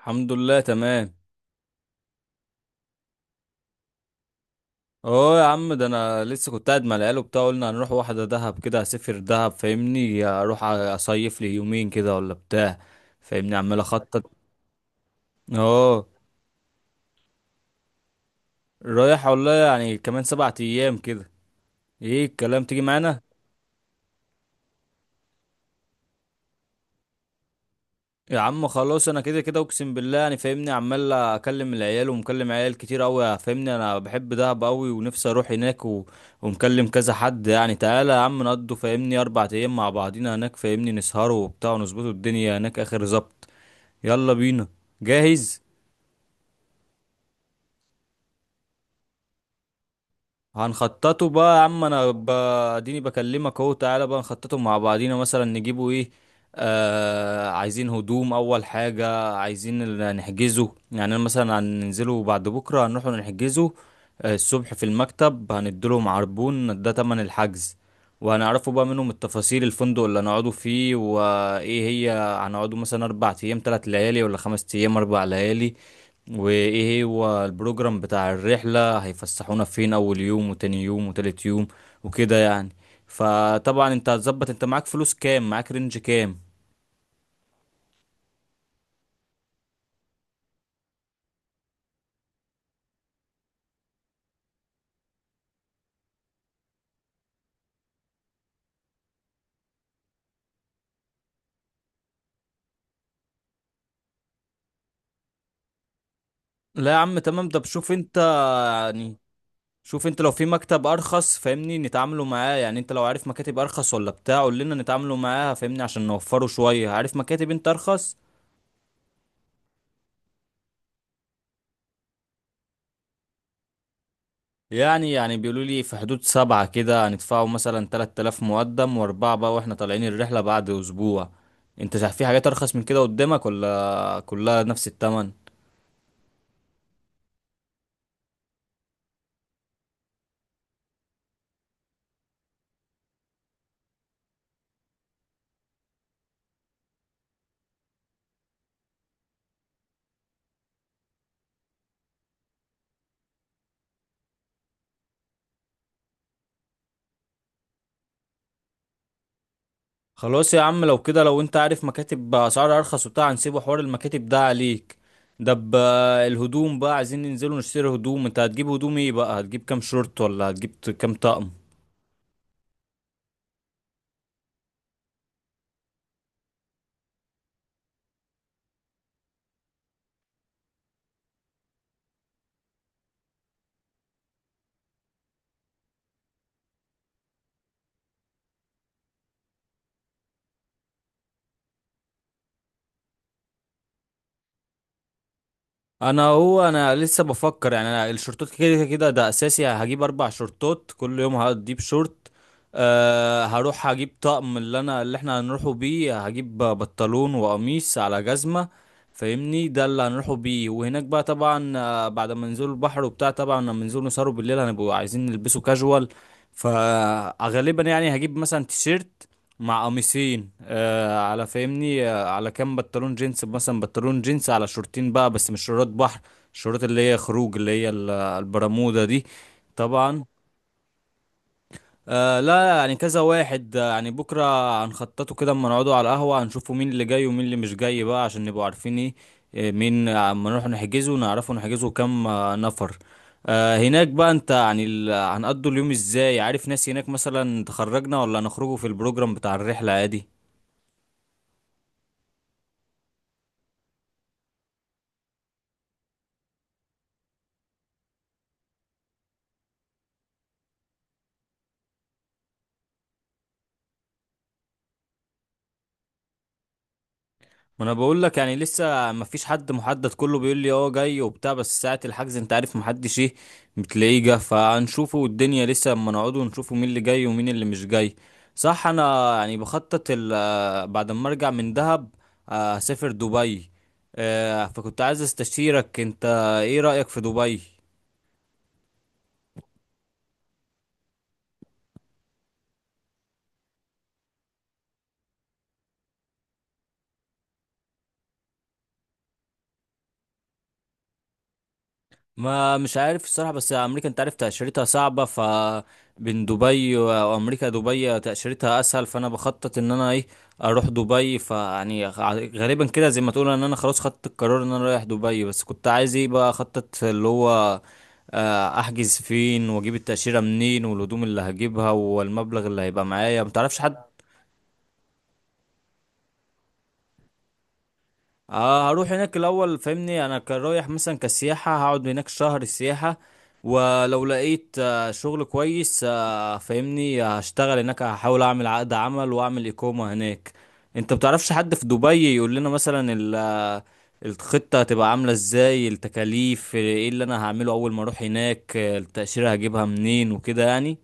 الحمد لله تمام. اه يا عم، ده انا لسه كنت قاعد مع العيال وبتاع، قلنا هنروح واحده دهب كده، هسافر دهب فاهمني، اروح اصيف لي يومين كده ولا بتاع، فاهمني عمال اخطط. اه. رايح والله يعني كمان 7 ايام كده. ايه الكلام، تيجي معانا؟ يا عم خلاص انا كده كده اقسم بالله انا فاهمني عمال اكلم العيال، ومكلم عيال كتير قوي فاهمني، انا بحب دهب قوي ونفسي اروح هناك ومكلم كذا حد يعني، تعالى يا عم نقضوا فاهمني اربع ايام مع بعضينا هناك، فاهمني نسهروا وبتاع ونظبطوا الدنيا هناك اخر زبط. يلا بينا. جاهز. هنخططه بقى يا عم. اديني بكلمك اهو، تعالى بقى نخططه مع بعضينا، مثلا نجيبه ايه. آه، عايزين هدوم اول حاجة، نحجزه يعني، انا مثلا هننزله بعد بكرة هنروح نحجزه. الصبح في المكتب هنديلهم عربون ده تمن الحجز، وهنعرفوا بقى منهم التفاصيل، الفندق اللي هنقعدوا فيه وايه هي، هنقعدوا مثلا 4 ايام 3 ليالي ولا 5 ايام 4 ليالي، وايه هو البروجرام بتاع الرحلة، هيفسحونا فين اول يوم وتاني يوم وتالت يوم وكده يعني. فطبعا انت هتظبط، انت معاك فلوس كام، معاك رينج كام. لا يا عم تمام، ده بشوف انت يعني. شوف انت لو في مكتب ارخص فاهمني نتعاملوا معاه، يعني انت لو عارف مكاتب ارخص ولا بتاع قول لنا نتعاملوا معاها فاهمني، عشان نوفره شوية. عارف مكاتب انت ارخص؟ يعني بيقولوا لي في حدود سبعة كده، هندفعوا مثلا 3000 مقدم وأربعة بقى، وإحنا طالعين الرحلة بعد أسبوع. أنت شايف في حاجات أرخص من كده قدامك ولا كلها نفس التمن؟ خلاص يا عم، لو كده لو أنت عارف مكاتب بأسعار أرخص وبتاع هنسيبه حوار المكاتب ده عليك. ده ب- الهدوم بقى، عايزين ننزلوا نشتري هدوم. أنت هتجيب هدوم إيه بقى؟ هتجيب كام شورت، ولا هتجيب كام طقم؟ انا هو انا لسه بفكر يعني، انا الشورتات كده كده ده اساسي هجيب 4 شورتات، كل يوم هجيب شورت. أه هروح هجيب طقم، اللي احنا هنروحوا بيه، هجيب بنطلون وقميص على جزمة، فاهمني ده اللي هنروحوا بيه. وهناك بقى طبعا، بعد ما ننزلوا البحر وبتاع، طبعا لما ننزلوا نسهروا بالليل هنبقوا عايزين نلبسوا كاجوال. فغالبا يعني هجيب مثلا تيشيرت مع قميصين على فاهمني على كام بنطلون جينز، مثلا بنطلون جينز على شورتين بقى، بس مش شورت بحر، الشورت اللي هي خروج، اللي هي البرمودا دي. طبعا. لا يعني كذا واحد، يعني بكرة هنخططه كده، اما نقعدوا على القهوة هنشوفوا مين اللي جاي ومين اللي مش جاي بقى، عشان نبقوا عارفين ايه، مين، اما نروح نحجزه ونعرفه نحجزه كام نفر. آه، هناك بقى انت يعني، هنقضوا اليوم ازاي؟ عارف ناس هناك مثلا تخرجنا، ولا هنخرجوا في البروجرام بتاع الرحلة عادي؟ ما انا بقول لك يعني لسه ما فيش حد محدد، كله بيقول لي اه جاي وبتاع، بس ساعة الحجز انت عارف، محدش ايه، بتلاقيه جه، فهنشوفه والدنيا لسه، اما نقعد ونشوفه مين اللي جاي ومين اللي مش جاي. صح. انا يعني بخطط بعد ما ارجع من دهب، هسافر دبي. فكنت عايز استشيرك انت، ايه رأيك في دبي. ما مش عارف الصراحة، بس أمريكا أنت عارف تأشيرتها صعبة، ف بين دبي وأمريكا، دبي تأشيرتها أسهل، فأنا بخطط إن أنا إيه، أروح دبي. غالبا كده زي ما تقول إن أنا خلاص خدت القرار إن أنا رايح دبي، بس كنت عايز إيه بقى أخطط، اللي هو أحجز فين، وأجيب التأشيرة منين، والهدوم اللي هجيبها، والمبلغ اللي هيبقى معايا. متعرفش حد؟ هروح هناك الاول فاهمني، انا كان رايح مثلا كسياحه، هقعد هناك شهر سياحه، ولو لقيت شغل كويس فاهمني هشتغل هناك، هحاول اعمل عقد عمل واعمل اقامه هناك. انت بتعرفش حد في دبي يقول لنا مثلا الخطه هتبقى عامله ازاي، التكاليف ايه، اللي انا هعمله اول ما اروح هناك، التاشيره هجيبها منين، وكده يعني.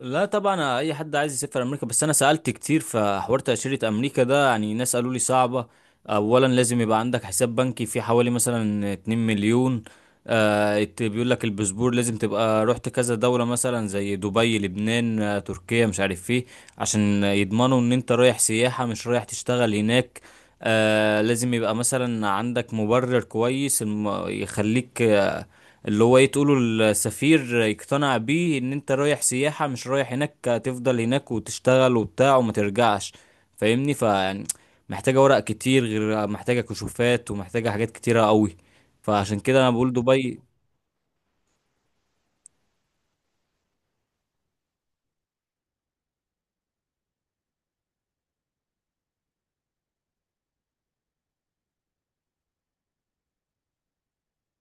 لا طبعا اي حد عايز يسافر امريكا، بس انا سالت كتير في حوار تاشيره امريكا ده، يعني ناس قالوا لي صعبه. اولا لازم يبقى عندك حساب بنكي فيه حوالي مثلا 2 مليون. بيقول لك الباسبور لازم تبقى رحت كذا دوله، مثلا زي دبي، لبنان، تركيا، مش عارف ايه، عشان يضمنوا ان انت رايح سياحه مش رايح تشتغل هناك. آه لازم يبقى مثلا عندك مبرر كويس، يخليك اللي هو ايه تقوله، السفير يقتنع بيه ان انت رايح سياحة، مش رايح هناك تفضل هناك وتشتغل وبتاع وما ترجعش، فاهمني فيعني محتاجة ورق كتير، غير محتاجة كشوفات، ومحتاجة حاجات كتيرة قوي. فعشان كده انا بقول دبي.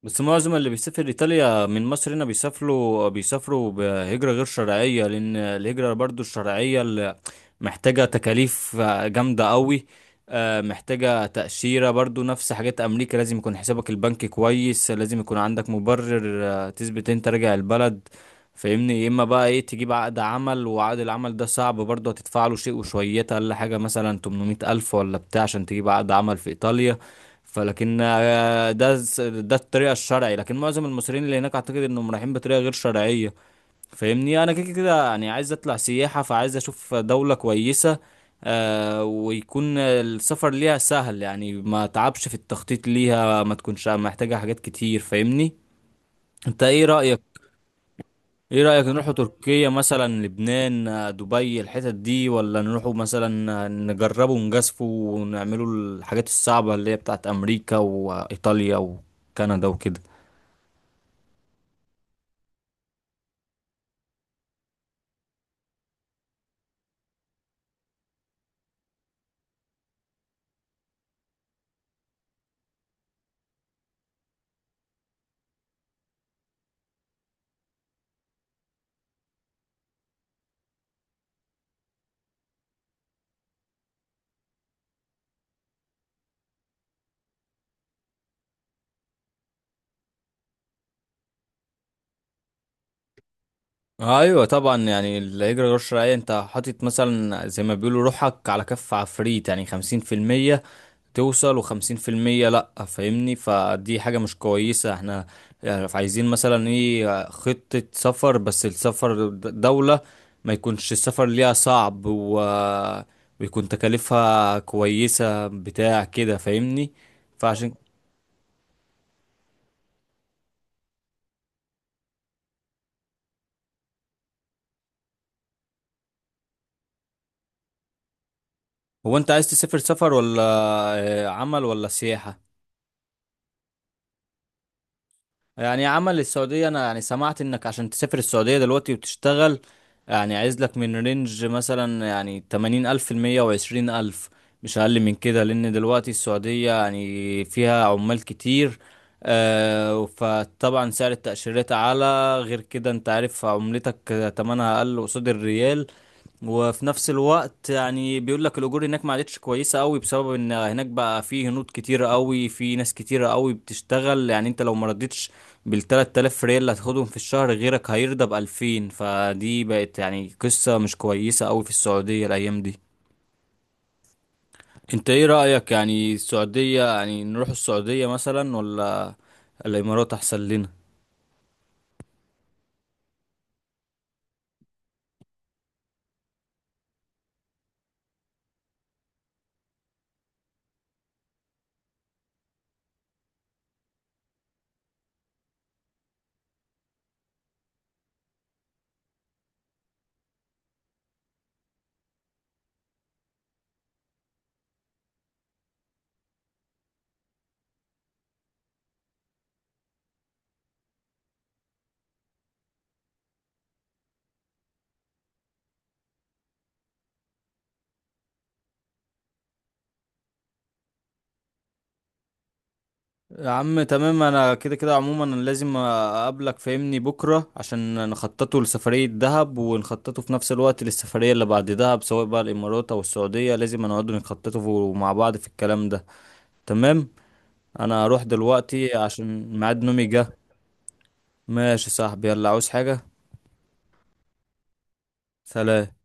بس معظم اللي بيسافر ايطاليا من مصر هنا بيسافروا، بهجرة غير شرعية، لان الهجرة برضو الشرعية اللي محتاجة تكاليف جامدة قوي، محتاجة تأشيرة برضو نفس حاجات امريكا، لازم يكون حسابك البنكي كويس، لازم يكون عندك مبرر تثبت انت راجع البلد، فاهمني. يا اما بقى ايه، تجيب عقد عمل، وعقد العمل ده صعب برضو، هتدفع له شيء وشويات، اقل حاجة مثلا 800 الف ولا بتاع، عشان تجيب عقد عمل في ايطاليا. فلكن ده الطريقه الشرعي، لكن معظم المصريين اللي هناك اعتقد انهم رايحين بطريقه غير شرعيه. فاهمني انا كده كده يعني عايز اطلع سياحه، فعايز اشوف دوله كويسه، ويكون السفر ليها سهل، يعني ما تعبش في التخطيط ليها، ما تكونش محتاجه حاجات كتير فاهمني. انت ايه رايك؟ ايه رأيك نروحوا تركيا مثلا، لبنان، دبي، الحتت دي، ولا نروحوا مثلا نجربوا ونجازفوا ونعملوا الحاجات الصعبة اللي هي بتاعت امريكا وايطاليا وكندا وكده؟ ايوه طبعا، يعني اللي يجري غير شرعي انت حاطط مثلا زي ما بيقولوا روحك على كف عفريت، يعني 50% توصل وخمسين في المية لأ، فاهمني، فدي حاجة مش كويسة. احنا يعني عايزين مثلا ايه، خطة سفر بس السفر دولة ما يكونش السفر ليها صعب ويكون تكاليفها كويسة بتاع كده فاهمني. فعشان. هو انت عايز تسافر سفر ولا عمل ولا سياحة؟ يعني عمل، السعودية، أنا يعني سمعت إنك عشان تسافر السعودية دلوقتي وتشتغل، يعني عايز لك من رينج مثلا يعني 80 ألف، 120 ألف، مش أقل من كده، لأن دلوقتي السعودية يعني فيها عمال كتير، فطبعا سعر التأشيرات أعلى. غير كده أنت عارف عملتك تمنها أقل قصاد الريال، وفي نفس الوقت يعني بيقول لك الاجور هناك ما عادتش كويسه قوي، بسبب ان هناك بقى في هنود كتيره قوي، في ناس كتيره قوي بتشتغل، يعني انت لو ما ردتش بال 3000 ريال اللي هتاخدهم في الشهر غيرك هيرضى ب 2000، فدي بقت يعني قصه مش كويسه قوي في السعوديه الايام دي. انت ايه رايك يعني السعوديه، يعني نروح السعوديه مثلا ولا الامارات احسن لنا؟ يا عم تمام، انا كده كده عموما انا لازم اقابلك فاهمني بكره، عشان نخططه لسفريه دهب، ونخططه في نفس الوقت للسفريه اللي بعد دهب، سواء بقى الامارات او السعوديه، لازم نقعد نخططه مع بعض في الكلام ده. تمام. انا هروح دلوقتي عشان ميعاد نومي جه. ماشي يا صاحبي، يلا، عاوز حاجه؟ سلام.